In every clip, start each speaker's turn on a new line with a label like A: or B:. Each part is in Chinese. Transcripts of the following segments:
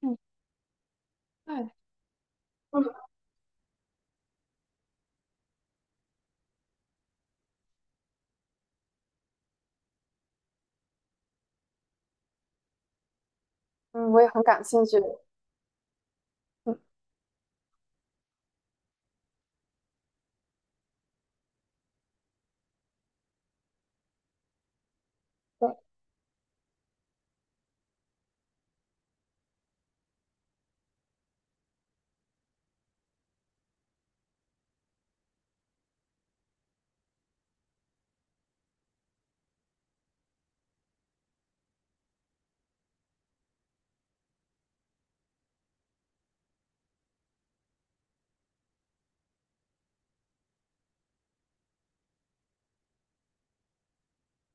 A: 嗯，对，嗯嗯，我也很感兴趣。嗯，对，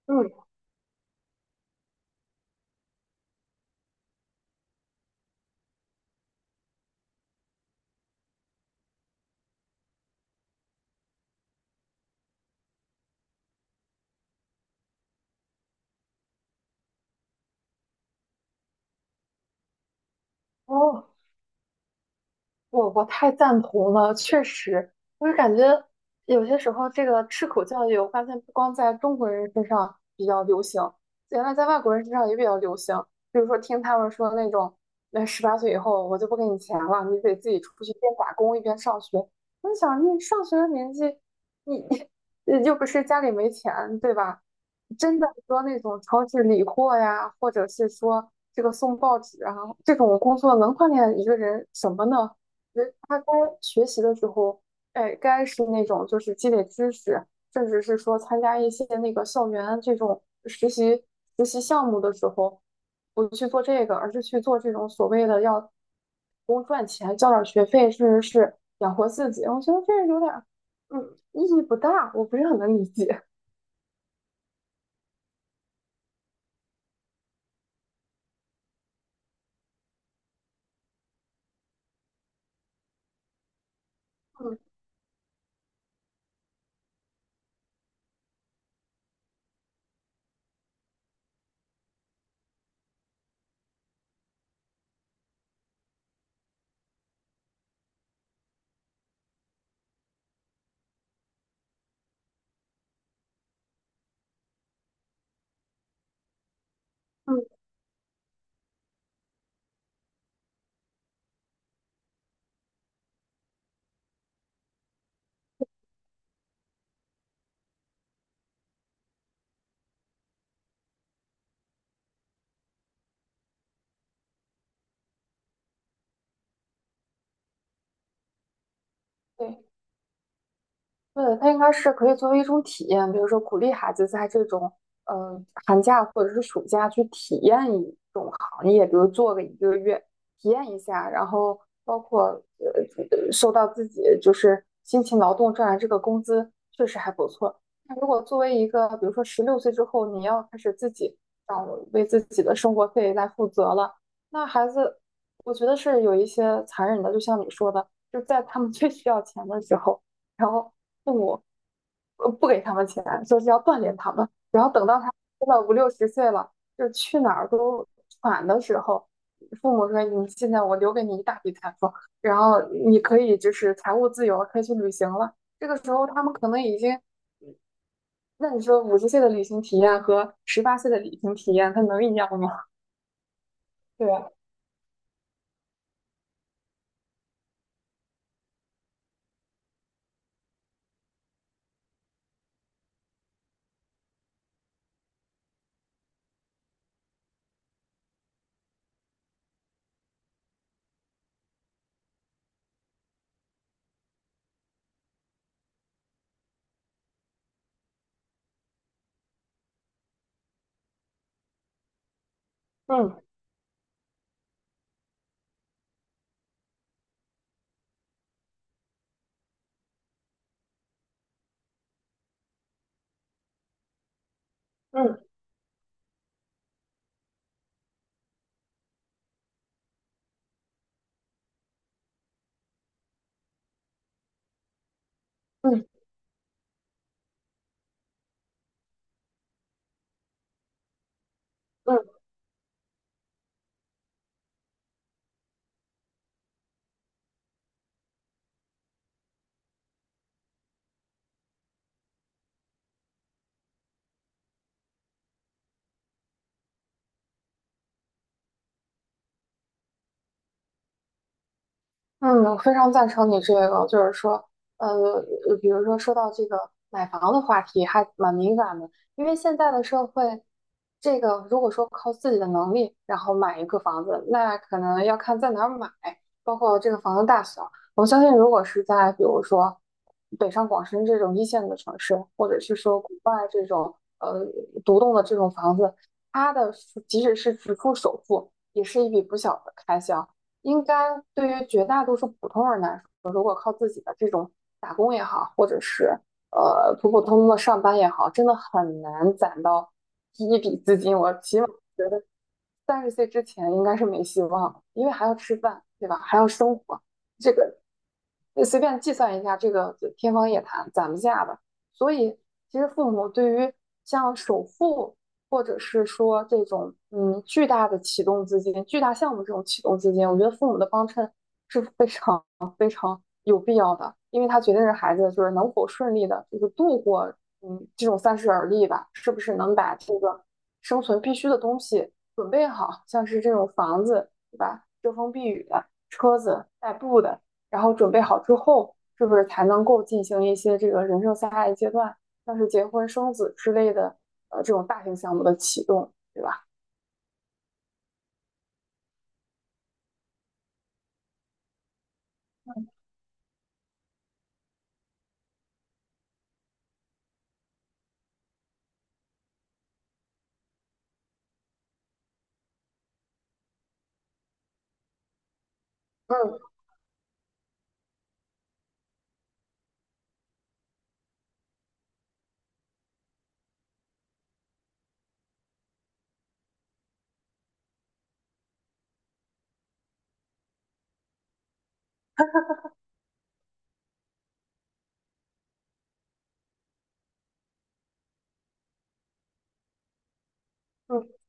A: 嗯，哦。我太赞同了，确实，我就感觉有些时候这个吃苦教育，我发现不光在中国人身上比较流行，原来在外国人身上也比较流行。比如说听他们说那种，那十八岁以后我就不给你钱了，你得自己出去边打工一边上学。我就想，你上学的年纪，你 又不是家里没钱，对吧？真的说那种超市理货呀，或者是说这个送报纸啊，这种工作能锻炼一个人什么呢？觉得他该学习的时候，哎，该是那种就是积累知识，甚至是说参加一些那个校园这种实习项目的时候，不去做这个，而是去做这种所谓的要工赚钱，交点学费，甚至是养活自己。我觉得这有点儿，意义不大，我不是很能理解。嗯嗯，对。对，它应该是可以作为一种体验，比如说鼓励孩子在这种呃寒假或者是暑假去体验一种行业，比如做个一个月，体验一下，然后包括受到自己就是辛勤劳动赚来这个工资确实还不错。那如果作为一个比如说16岁之后你要开始自己掌为自己的生活费来负责了，那孩子我觉得是有一些残忍的，就像你说的，就在他们最需要钱的时候。然后父母不给他们钱，说是要锻炼他们。然后等到他真的五六十岁了，就是去哪儿都喘的时候，父母说：“你现在我留给你一大笔财富，然后你可以就是财务自由了，可以去旅行了。”这个时候他们可能已经，那你说50岁的旅行体验和十八岁的旅行体验，它能一样吗？对吧？嗯，嗯，嗯，嗯，嗯，我非常赞成你这个，就是说，比如说说到这个买房的话题，还蛮敏感的，因为现在的社会，这个如果说靠自己的能力，然后买一个房子，那可能要看在哪儿买，包括这个房子大小。我相信，如果是在比如说北上广深这种一线的城市，或者是说国外这种独栋的这种房子，它的即使是只付首付，也是一笔不小的开销。应该对于绝大多数普通人来说，如果靠自己的这种打工也好，或者是普普通通的上班也好，真的很难攒到第一笔资金。我起码30岁之前应该是没希望，因为还要吃饭，对吧？还要生活，这个随便计算一下，这个天方夜谭，攒不下的。所以，其实父母对于像首付，或者是说这种巨大的启动资金、巨大项目这种启动资金，我觉得父母的帮衬是非常啊，有必要的，因为它决定着孩子就是能否顺利的，就是度过这种三十而立吧，是不是能把这个生存必须的东西准备好，像是这种房子，对吧？遮风避雨的，车子代步的，然后准备好之后，是不是才能够进行一些这个人生下一阶段，像是结婚生子之类的，这种大型项目的启动，对吧？嗯，嗯，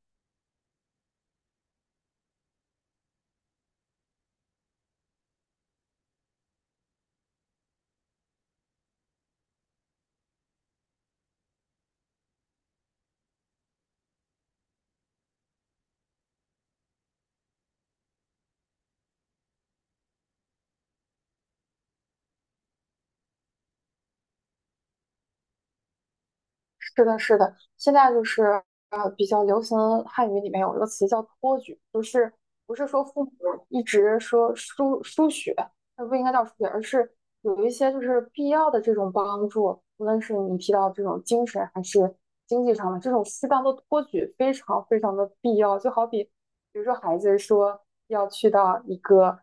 A: 是的，是的，现在就是比较流行汉语里面有一个词叫托举，就是不是说父母一直说输血，那不应该叫输血，而是有一些就是必要的这种帮助，无论是你提到这种精神还是经济上的这种适当的托举，非常非常的必要。就好比比如说孩子说要去到一个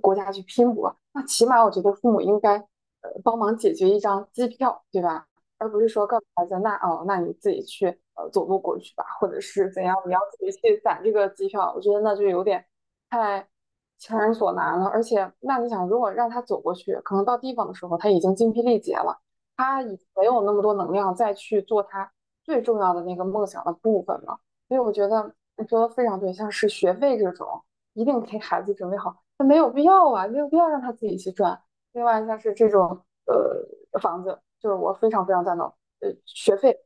A: 国家去拼搏，那起码我觉得父母应该帮忙解决一张机票，对吧？而不是说告诉孩子，那哦，那你自己去走路过去吧，或者是怎样，你要自己去攒这个机票，我觉得那就有点太强人所难了。而且，那你想，如果让他走过去，可能到地方的时候他已经精疲力竭了，他已没有那么多能量再去做他最重要的那个梦想的部分了。所以我觉得你说的非常对，像是学费这种，一定给孩子准备好，那没有必要啊，没有必要让他自己去赚。另外像是这种房子，就是我非常非常赞同。学费、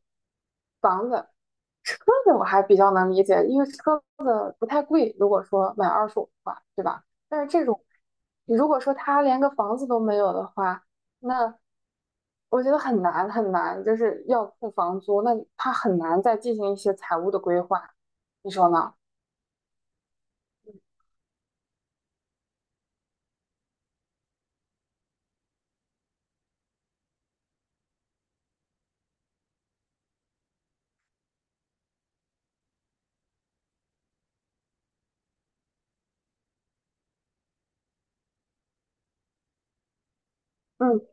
A: 房子、车子我还比较能理解，因为车子不太贵，如果说买二手的话，对吧？但是这种如果说他连个房子都没有的话，那我觉得很难很难，就是要付房租，那他很难再进行一些财务的规划，你说呢？嗯，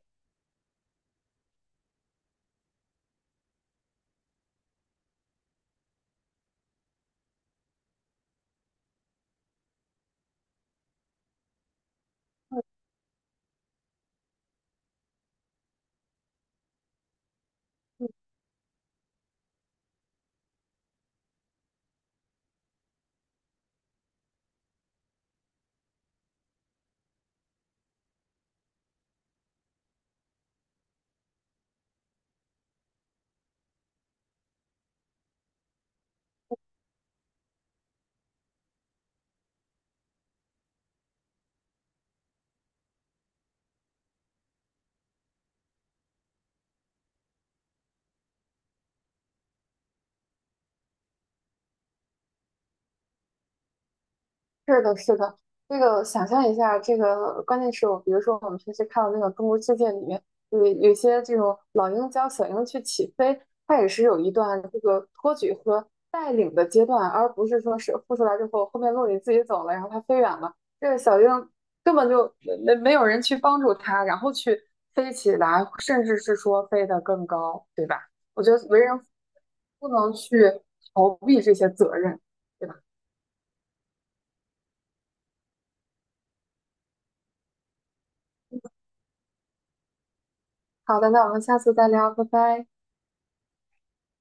A: 是的，是的，这个想象一下，这个关键是我，比如说我们平时看到那个《中国世界》里面，有些这种老鹰教小鹰去起飞，它也是有一段这个托举和带领的阶段，而不是说是孵出来之后，后面落你自己走了，然后它飞远了，这个小鹰根本就没有人去帮助它，然后去飞起来，甚至是说飞得更高，对吧？我觉得为人父不能去逃避这些责任，对吧？好的，那我们下次再聊，拜拜。